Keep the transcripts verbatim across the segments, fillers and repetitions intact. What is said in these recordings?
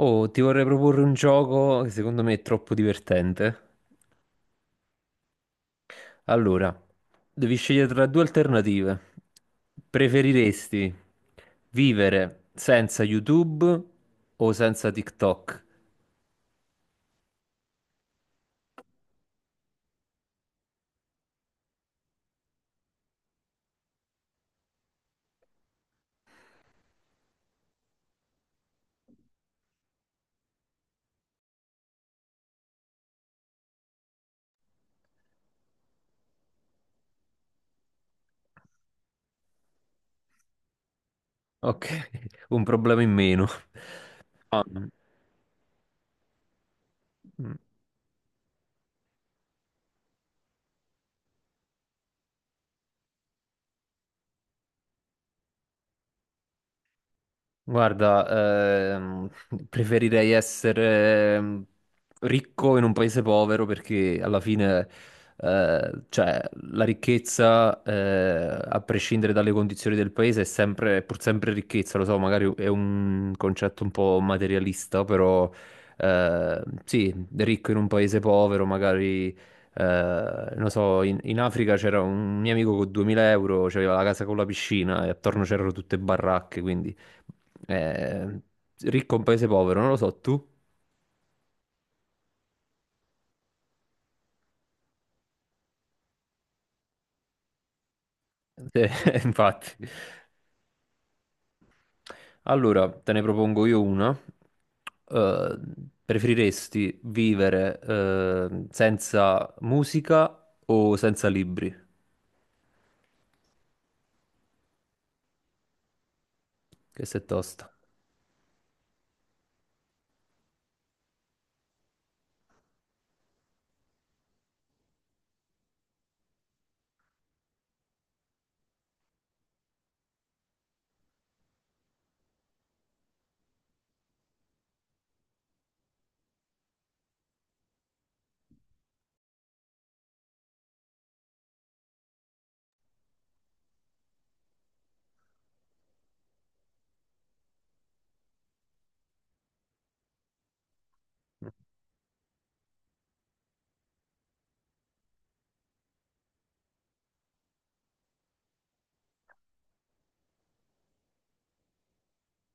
Oh, ti vorrei proporre un gioco che secondo me è troppo divertente. Allora, devi scegliere tra due alternative. Preferiresti vivere senza YouTube o senza TikTok? Ok, un problema in meno. No, no. Guarda, ehm, preferirei essere ehm, ricco in un paese povero perché alla fine, eh, cioè, la ricchezza, eh, a prescindere dalle condizioni del paese, è sempre, è pur sempre ricchezza. Lo so, magari è un concetto un po' materialista, però, eh, sì, ricco in un paese povero, magari, eh, non so, in, in Africa c'era un mio amico con duemila euro, c'aveva la casa con la piscina e attorno c'erano tutte baracche, quindi eh, ricco un paese povero, non lo so, tu? Eh, infatti. Allora, te ne propongo io una. Eh, preferiresti vivere eh, senza musica o senza libri? Che se tosta.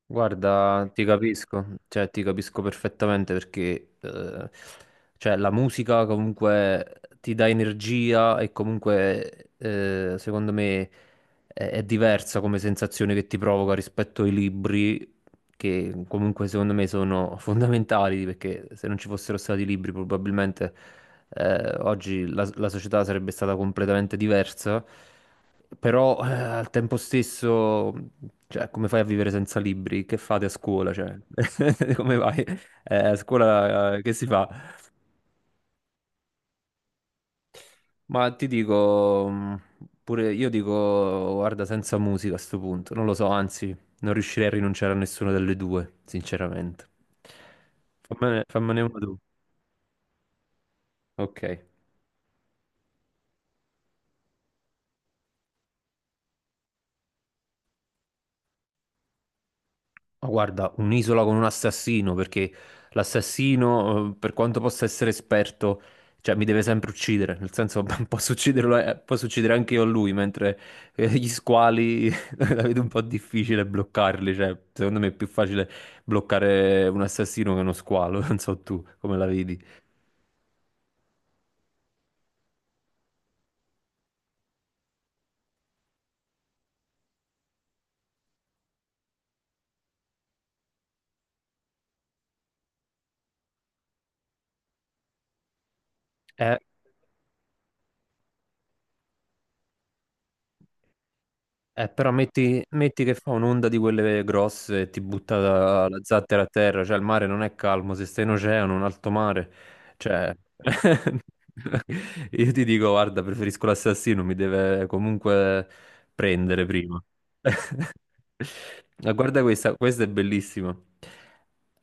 Guarda, ti capisco, cioè ti capisco perfettamente perché eh, cioè, la musica comunque ti dà energia e comunque eh, secondo me è, è diversa come sensazione che ti provoca rispetto ai libri che comunque secondo me sono fondamentali perché se non ci fossero stati i libri probabilmente eh, oggi la la società sarebbe stata completamente diversa. Però eh, al tempo stesso, cioè, come fai a vivere senza libri? Che fate a scuola? Cioè, come vai? Eh, a scuola, eh, che si fa? Ma ti dico, mh, pure io dico, guarda, senza musica a sto punto, non lo so, anzi, non riuscirei a rinunciare a nessuna delle due, sinceramente. Fammene, fammene una tu. Ok. Ma guarda, un'isola con un assassino, perché l'assassino, eh, per quanto possa essere esperto, cioè mi deve sempre uccidere, nel senso posso ucciderlo, eh, posso uccidere anche io a lui, mentre eh, gli squali la vedo un po' difficile bloccarli, cioè secondo me è più facile bloccare un assassino che uno squalo, non so tu come la vedi. Eh, Eh, però metti, metti che fa un'onda di quelle grosse e ti butta la, la zattera a terra, cioè il mare non è calmo, se stai in oceano, un alto mare, cioè io ti dico, guarda, preferisco l'assassino, mi deve comunque prendere prima. Ma guarda questa, questa è bellissima.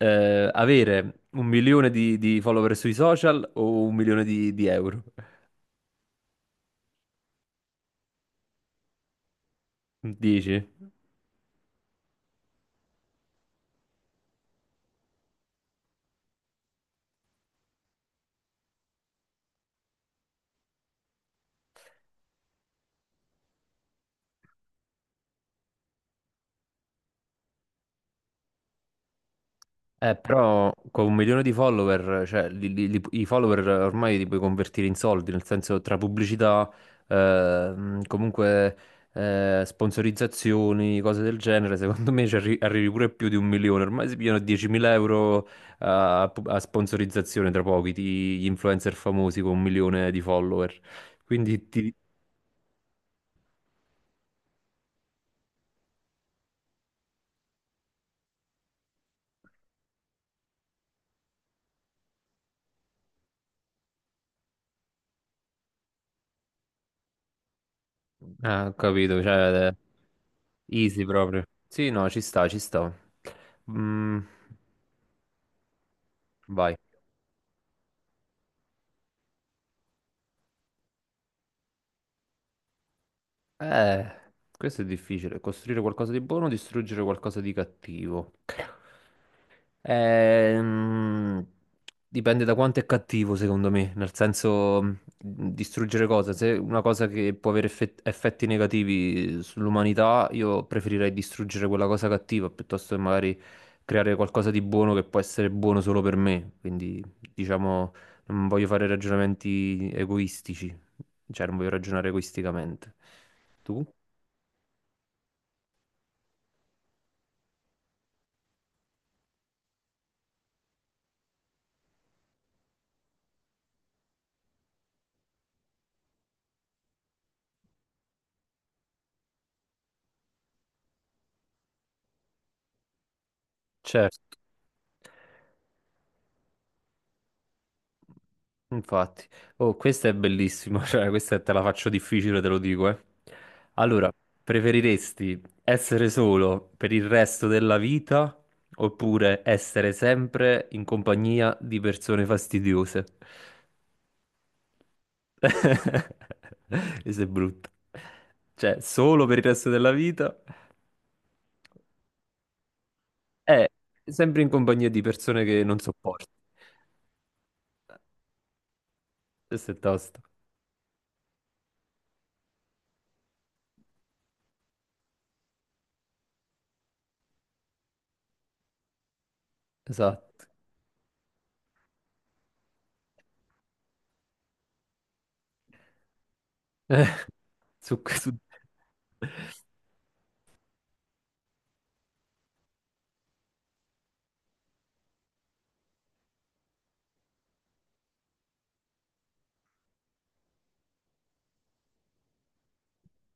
Eh, avere un milione di, di follower sui social o un milione di, di euro? Dici? Eh, però con un milione di follower, cioè li- li- li- i follower ormai li puoi convertire in soldi, nel senso tra pubblicità, ehm, comunque eh, sponsorizzazioni, cose del genere, secondo me ci arri- arrivi pure più di un milione, ormai si pigliano diecimila euro a, pu- a sponsorizzazione tra pochi, ti- gli influencer famosi con un milione di follower. Quindi ti... Ah, ho capito, cioè... Easy proprio. Sì, no, ci sta, ci sta. Mm, vai. Eh, questo è difficile. Costruire qualcosa di buono, distruggere qualcosa di cattivo. Ehm, dipende da quanto è cattivo, secondo me. Nel senso, mh, distruggere cosa? Se è una cosa che può avere effet- effetti negativi sull'umanità, io preferirei distruggere quella cosa cattiva piuttosto che magari creare qualcosa di buono che può essere buono solo per me. Quindi, diciamo, non voglio fare ragionamenti egoistici. Cioè, non voglio ragionare egoisticamente. Tu? Certo, infatti. Oh, questa è bellissima, cioè, questa te la faccio difficile, te lo dico, eh. Allora, preferiresti essere solo per il resto della vita oppure essere sempre in compagnia di persone fastidiose? Questo è brutto. Cioè, solo per il resto della vita è sempre in compagnia di persone che non sopporti. Questo è tosto. Esatto. Eh, su, su-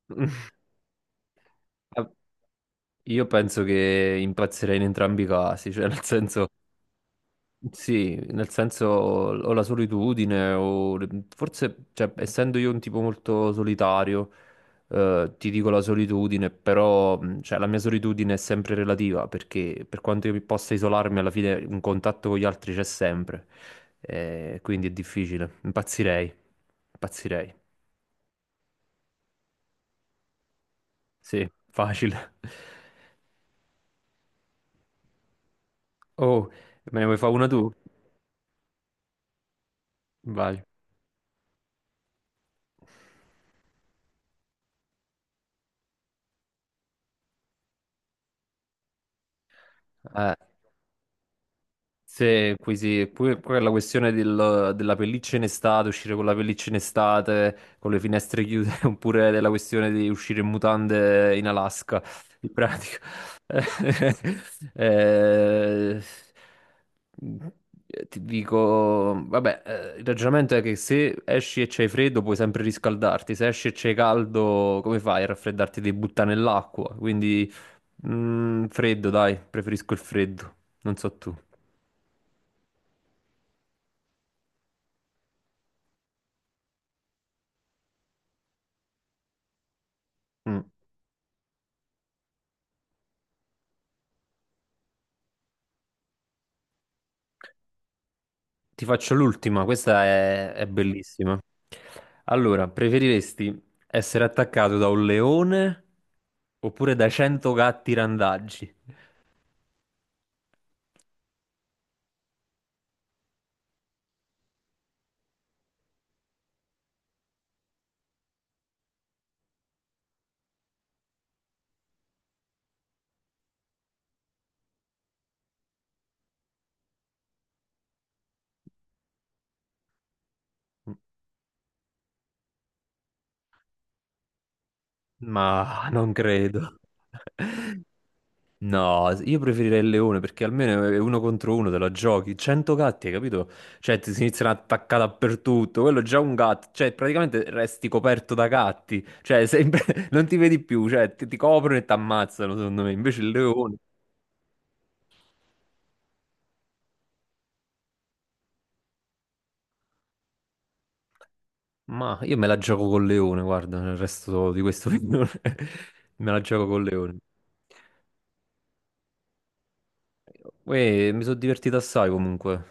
Io penso che impazzirei in entrambi i casi, cioè nel senso, sì, nel senso o la solitudine o forse, cioè, essendo io un tipo molto solitario, eh, ti dico la solitudine, però mh, cioè, la mia solitudine è sempre relativa perché per quanto io mi possa isolarmi, alla fine un contatto con gli altri c'è sempre. Eh, quindi è difficile. Impazzirei, impazzirei, sì, facile. Oh, me ne vuoi fare una tu? Vai. Eh, se, qui sì, pure, pure la questione del- della pelliccia in estate, uscire con la pelliccia in estate, con le finestre chiuse, oppure della questione di uscire in mutande in Alaska, in pratica. Eh, ti dico, vabbè, eh, il ragionamento è che se esci e c'hai freddo puoi sempre riscaldarti, se esci e c'hai caldo, come fai a raffreddarti? Devi buttare nell'acqua, quindi... Mm, freddo, dai, preferisco il freddo. Non so tu. Mm. Ti faccio l'ultima, questa è, è bellissima. Allora, preferiresti essere attaccato da un leone oppure da cento gatti randaggi? Ma non credo. No, io preferirei il leone perché almeno è uno contro uno te la giochi. cento gatti, hai capito? Cioè, ti si iniziano a attaccare dappertutto. Quello è già un gatto, cioè, praticamente resti coperto da gatti. Cioè, sempre... non ti vedi più, cioè, ti, ti coprono e ti ammazzano, secondo me. Invece il leone, ma io me la gioco col leone, guarda, il resto di questo film me la gioco col leone. Uè, mi sono divertito assai comunque.